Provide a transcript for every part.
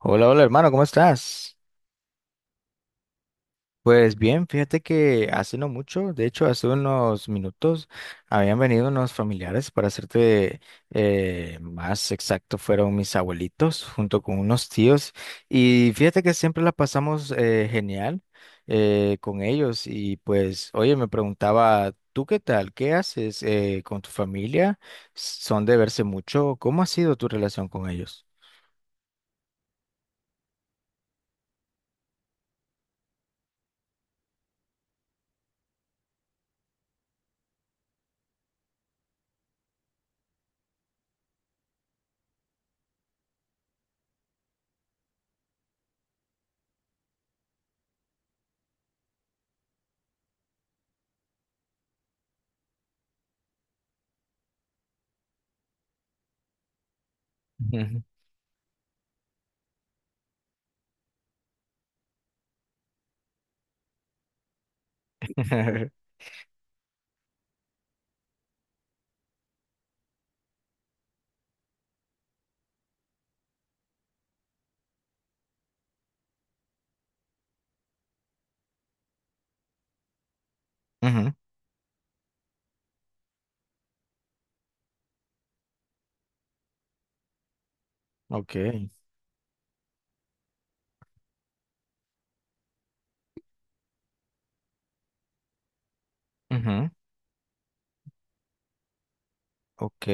Hola, hola hermano, ¿cómo estás? Pues bien, fíjate que hace no mucho, de hecho hace unos minutos, habían venido unos familiares, para hacerte más exacto, fueron mis abuelitos junto con unos tíos. Y fíjate que siempre la pasamos genial con ellos. Y pues, oye, me preguntaba, ¿tú qué tal? ¿Qué haces con tu familia? ¿Son de verse mucho? ¿Cómo ha sido tu relación con ellos? Ujú. Ujú. Ok. Ujú. Ok.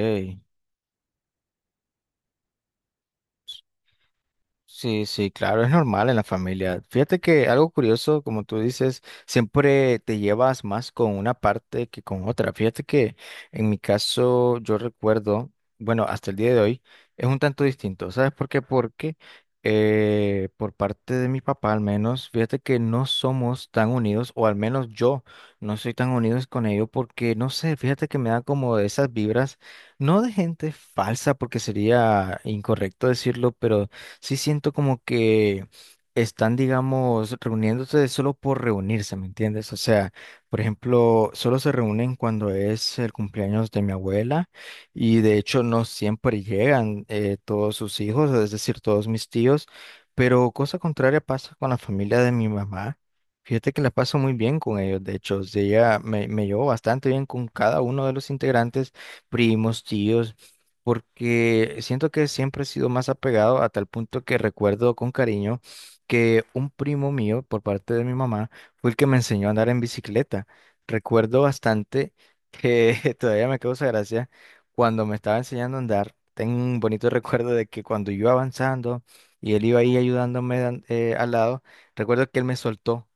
Sí, sí, claro, es normal en la familia. Fíjate que algo curioso, como tú dices, siempre te llevas más con una parte que con otra. Fíjate que en mi caso yo recuerdo, bueno, hasta el día de hoy es un tanto distinto. ¿Sabes por qué? Porque por parte de mi papá al menos, fíjate que no somos tan unidos, o al menos yo no soy tan unidos con ellos porque, no sé, fíjate que me da como esas vibras, no de gente falsa, porque sería incorrecto decirlo, pero sí siento como que están, digamos, reuniéndose solo por reunirse, ¿me entiendes? O sea, por ejemplo, solo se reúnen cuando es el cumpleaños de mi abuela y de hecho no siempre llegan todos sus hijos, es decir, todos mis tíos, pero cosa contraria pasa con la familia de mi mamá. Fíjate que la paso muy bien con ellos, de hecho, o sea, ella me llevo bastante bien con cada uno de los integrantes, primos, tíos, porque siento que siempre he sido más apegado a tal punto que recuerdo con cariño que un primo mío, por parte de mi mamá, fue el que me enseñó a andar en bicicleta. Recuerdo bastante que todavía me causa gracia cuando me estaba enseñando a andar. Tengo un bonito recuerdo de que cuando yo iba avanzando y él iba ahí ayudándome al lado. Recuerdo que él me soltó.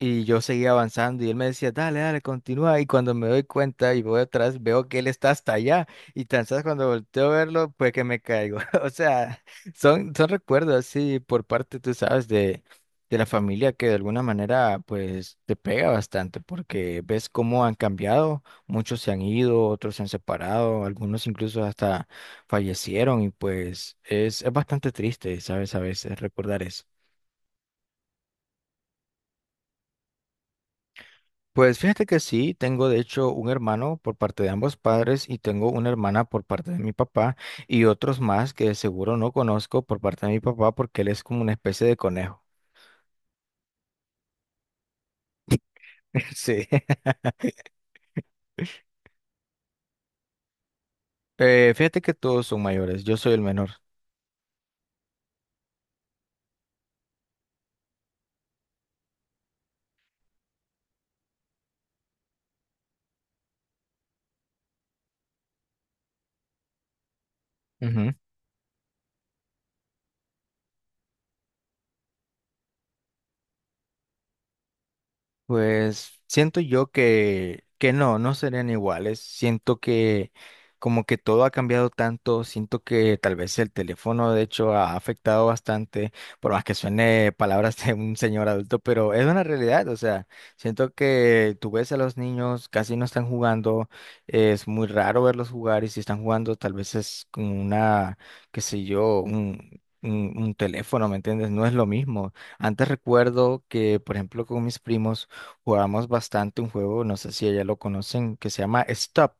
Y yo seguía avanzando y él me decía, dale, dale, continúa. Y cuando me doy cuenta y voy atrás, veo que él está hasta allá. Y tan sabes cuando volteo a verlo, pues que me caigo. O sea, son, son recuerdos así por parte, tú sabes, de la familia, que de alguna manera pues te pega bastante porque ves cómo han cambiado, muchos se han ido, otros se han separado, algunos incluso hasta fallecieron. Y pues es bastante triste, ¿sabes? A veces recordar eso. Pues fíjate que sí, tengo de hecho un hermano por parte de ambos padres y tengo una hermana por parte de mi papá y otros más que seguro no conozco por parte de mi papá porque él es como una especie de conejo. Sí. Fíjate que todos son mayores, yo soy el menor. Pues siento yo que no, no serían iguales. Siento que como que todo ha cambiado tanto, siento que tal vez el teléfono de hecho ha afectado bastante, por más que suene palabras de un señor adulto, pero es una realidad. O sea, siento que tú ves a los niños, casi no están jugando, es muy raro verlos jugar. Y si están jugando tal vez es con una, qué sé yo, un teléfono, ¿me entiendes? No es lo mismo. Antes recuerdo que, por ejemplo, con mis primos, jugamos bastante un juego, no sé si ella lo conocen, que se llama Stop.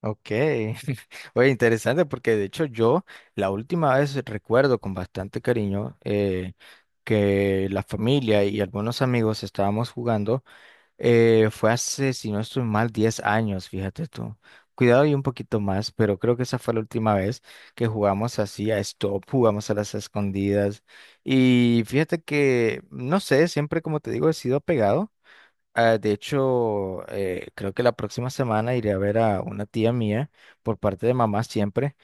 Ok. Oye, interesante porque de hecho yo la última vez recuerdo con bastante cariño que la familia y algunos amigos estábamos jugando, fue hace, si no estoy mal, 10 años, fíjate tú. Cuidado y un poquito más, pero creo que esa fue la última vez que jugamos así a Stop, jugamos a las escondidas. Y fíjate que, no sé, siempre como te digo, he sido pegado. Ah, de hecho, creo que la próxima semana iré a ver a una tía mía por parte de mamá siempre.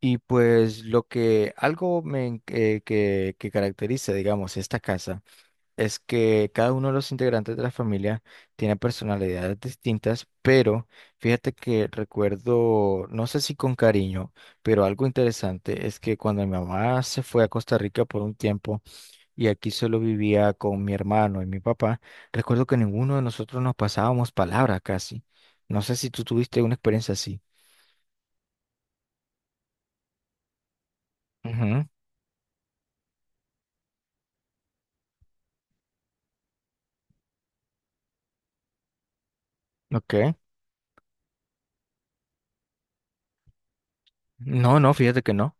Y pues lo que algo me, que caracteriza, digamos, esta casa es que cada uno de los integrantes de la familia tiene personalidades distintas. Pero fíjate que recuerdo, no sé si con cariño, pero algo interesante es que cuando mi mamá se fue a Costa Rica por un tiempo, y aquí solo vivía con mi hermano y mi papá. Recuerdo que ninguno de nosotros nos pasábamos palabras casi. No sé si tú tuviste una experiencia así. Ujú. Ok. No, no, fíjate que no.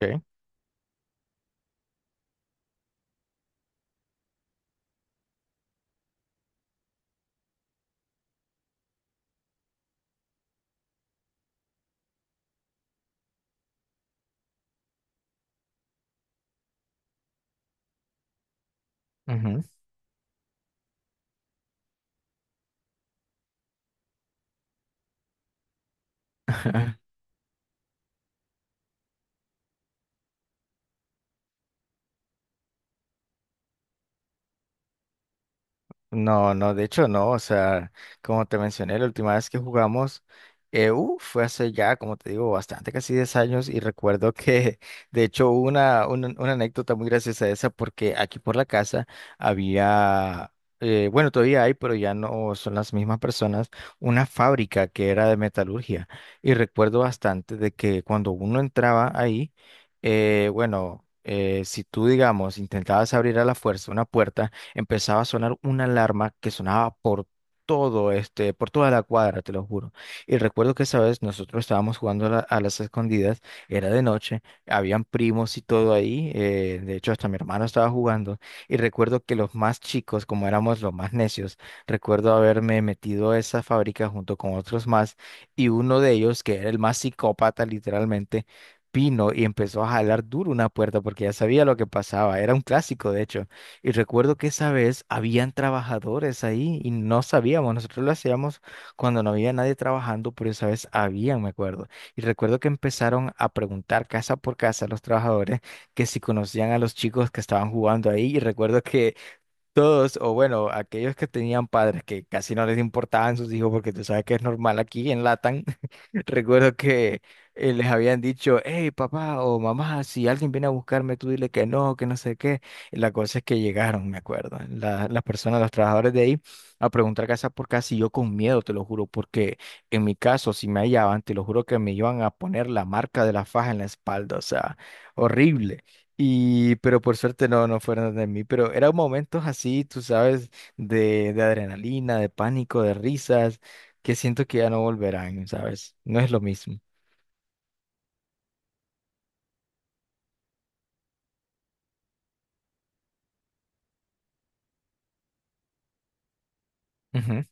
Ok. Ujú. No, no, de hecho no, o sea, como te mencioné, la última vez que jugamos EU fue hace ya, como te digo, bastante, casi 10 años. Y recuerdo que, de hecho, hubo una anécdota muy graciosa esa porque aquí por la casa había, bueno, todavía hay, pero ya no son las mismas personas, una fábrica que era de metalurgia. Y recuerdo bastante de que cuando uno entraba ahí, bueno, si tú, digamos, intentabas abrir a la fuerza una puerta, empezaba a sonar una alarma que sonaba por por toda la cuadra, te lo juro. Y recuerdo que esa vez nosotros estábamos jugando a las escondidas, era de noche, habían primos y todo ahí, de hecho hasta mi hermano estaba jugando, y recuerdo que los más chicos, como éramos los más necios, recuerdo haberme metido a esa fábrica junto con otros más, y uno de ellos, que era el más psicópata literalmente, vino y empezó a jalar duro una puerta porque ya sabía lo que pasaba, era un clásico de hecho. Y recuerdo que esa vez habían trabajadores ahí y no sabíamos, nosotros lo hacíamos cuando no había nadie trabajando, pero esa vez habían, me acuerdo. Y recuerdo que empezaron a preguntar casa por casa a los trabajadores, que si conocían a los chicos que estaban jugando ahí. Y recuerdo que todos, o bueno, aquellos que tenían padres que casi no les importaban sus hijos, porque tú sabes que es normal aquí en Latam. Recuerdo que les habían dicho, hey papá o mamá, si alguien viene a buscarme, tú dile que no sé qué. Y la cosa es que llegaron, me acuerdo, las personas, los trabajadores de ahí, a preguntar casa por casa. Y yo con miedo, te lo juro, porque en mi caso, si me hallaban, te lo juro que me iban a poner la marca de la faja en la espalda, o sea, horrible. Pero por suerte no, no fueron de mí, pero eran momentos así, tú sabes, de adrenalina, de pánico, de risas, que siento que ya no volverán, ¿sabes? No es lo mismo. Ujú.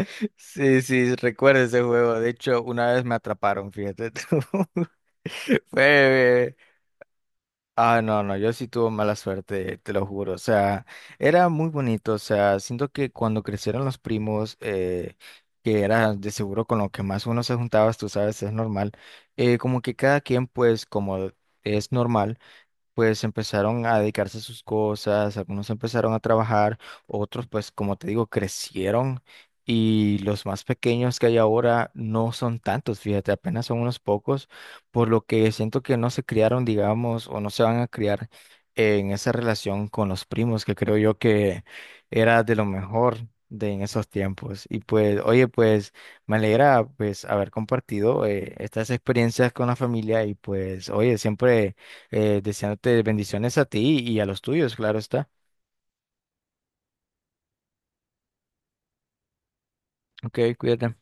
Sí, sí, recuerdo ese juego. De hecho, una vez me atraparon, fíjate tú. Fue. Ah, no, no, yo sí tuve mala suerte, te lo juro. O sea, era muy bonito. O sea, siento que cuando crecieron los primos, que era de seguro con lo que más uno se juntaba, tú sabes, es normal. Como que cada quien, pues, como es normal, pues empezaron a dedicarse a sus cosas, algunos empezaron a trabajar, otros pues como te digo, crecieron, y los más pequeños que hay ahora no son tantos, fíjate, apenas son unos pocos, por lo que siento que no se criaron, digamos, o no se van a criar en esa relación con los primos, que creo yo que era de lo mejor de en esos tiempos. Y pues, oye, pues me alegra pues haber compartido estas experiencias con la familia. Y pues, oye, siempre deseándote bendiciones a ti y a los tuyos, claro está. Ok, cuídate.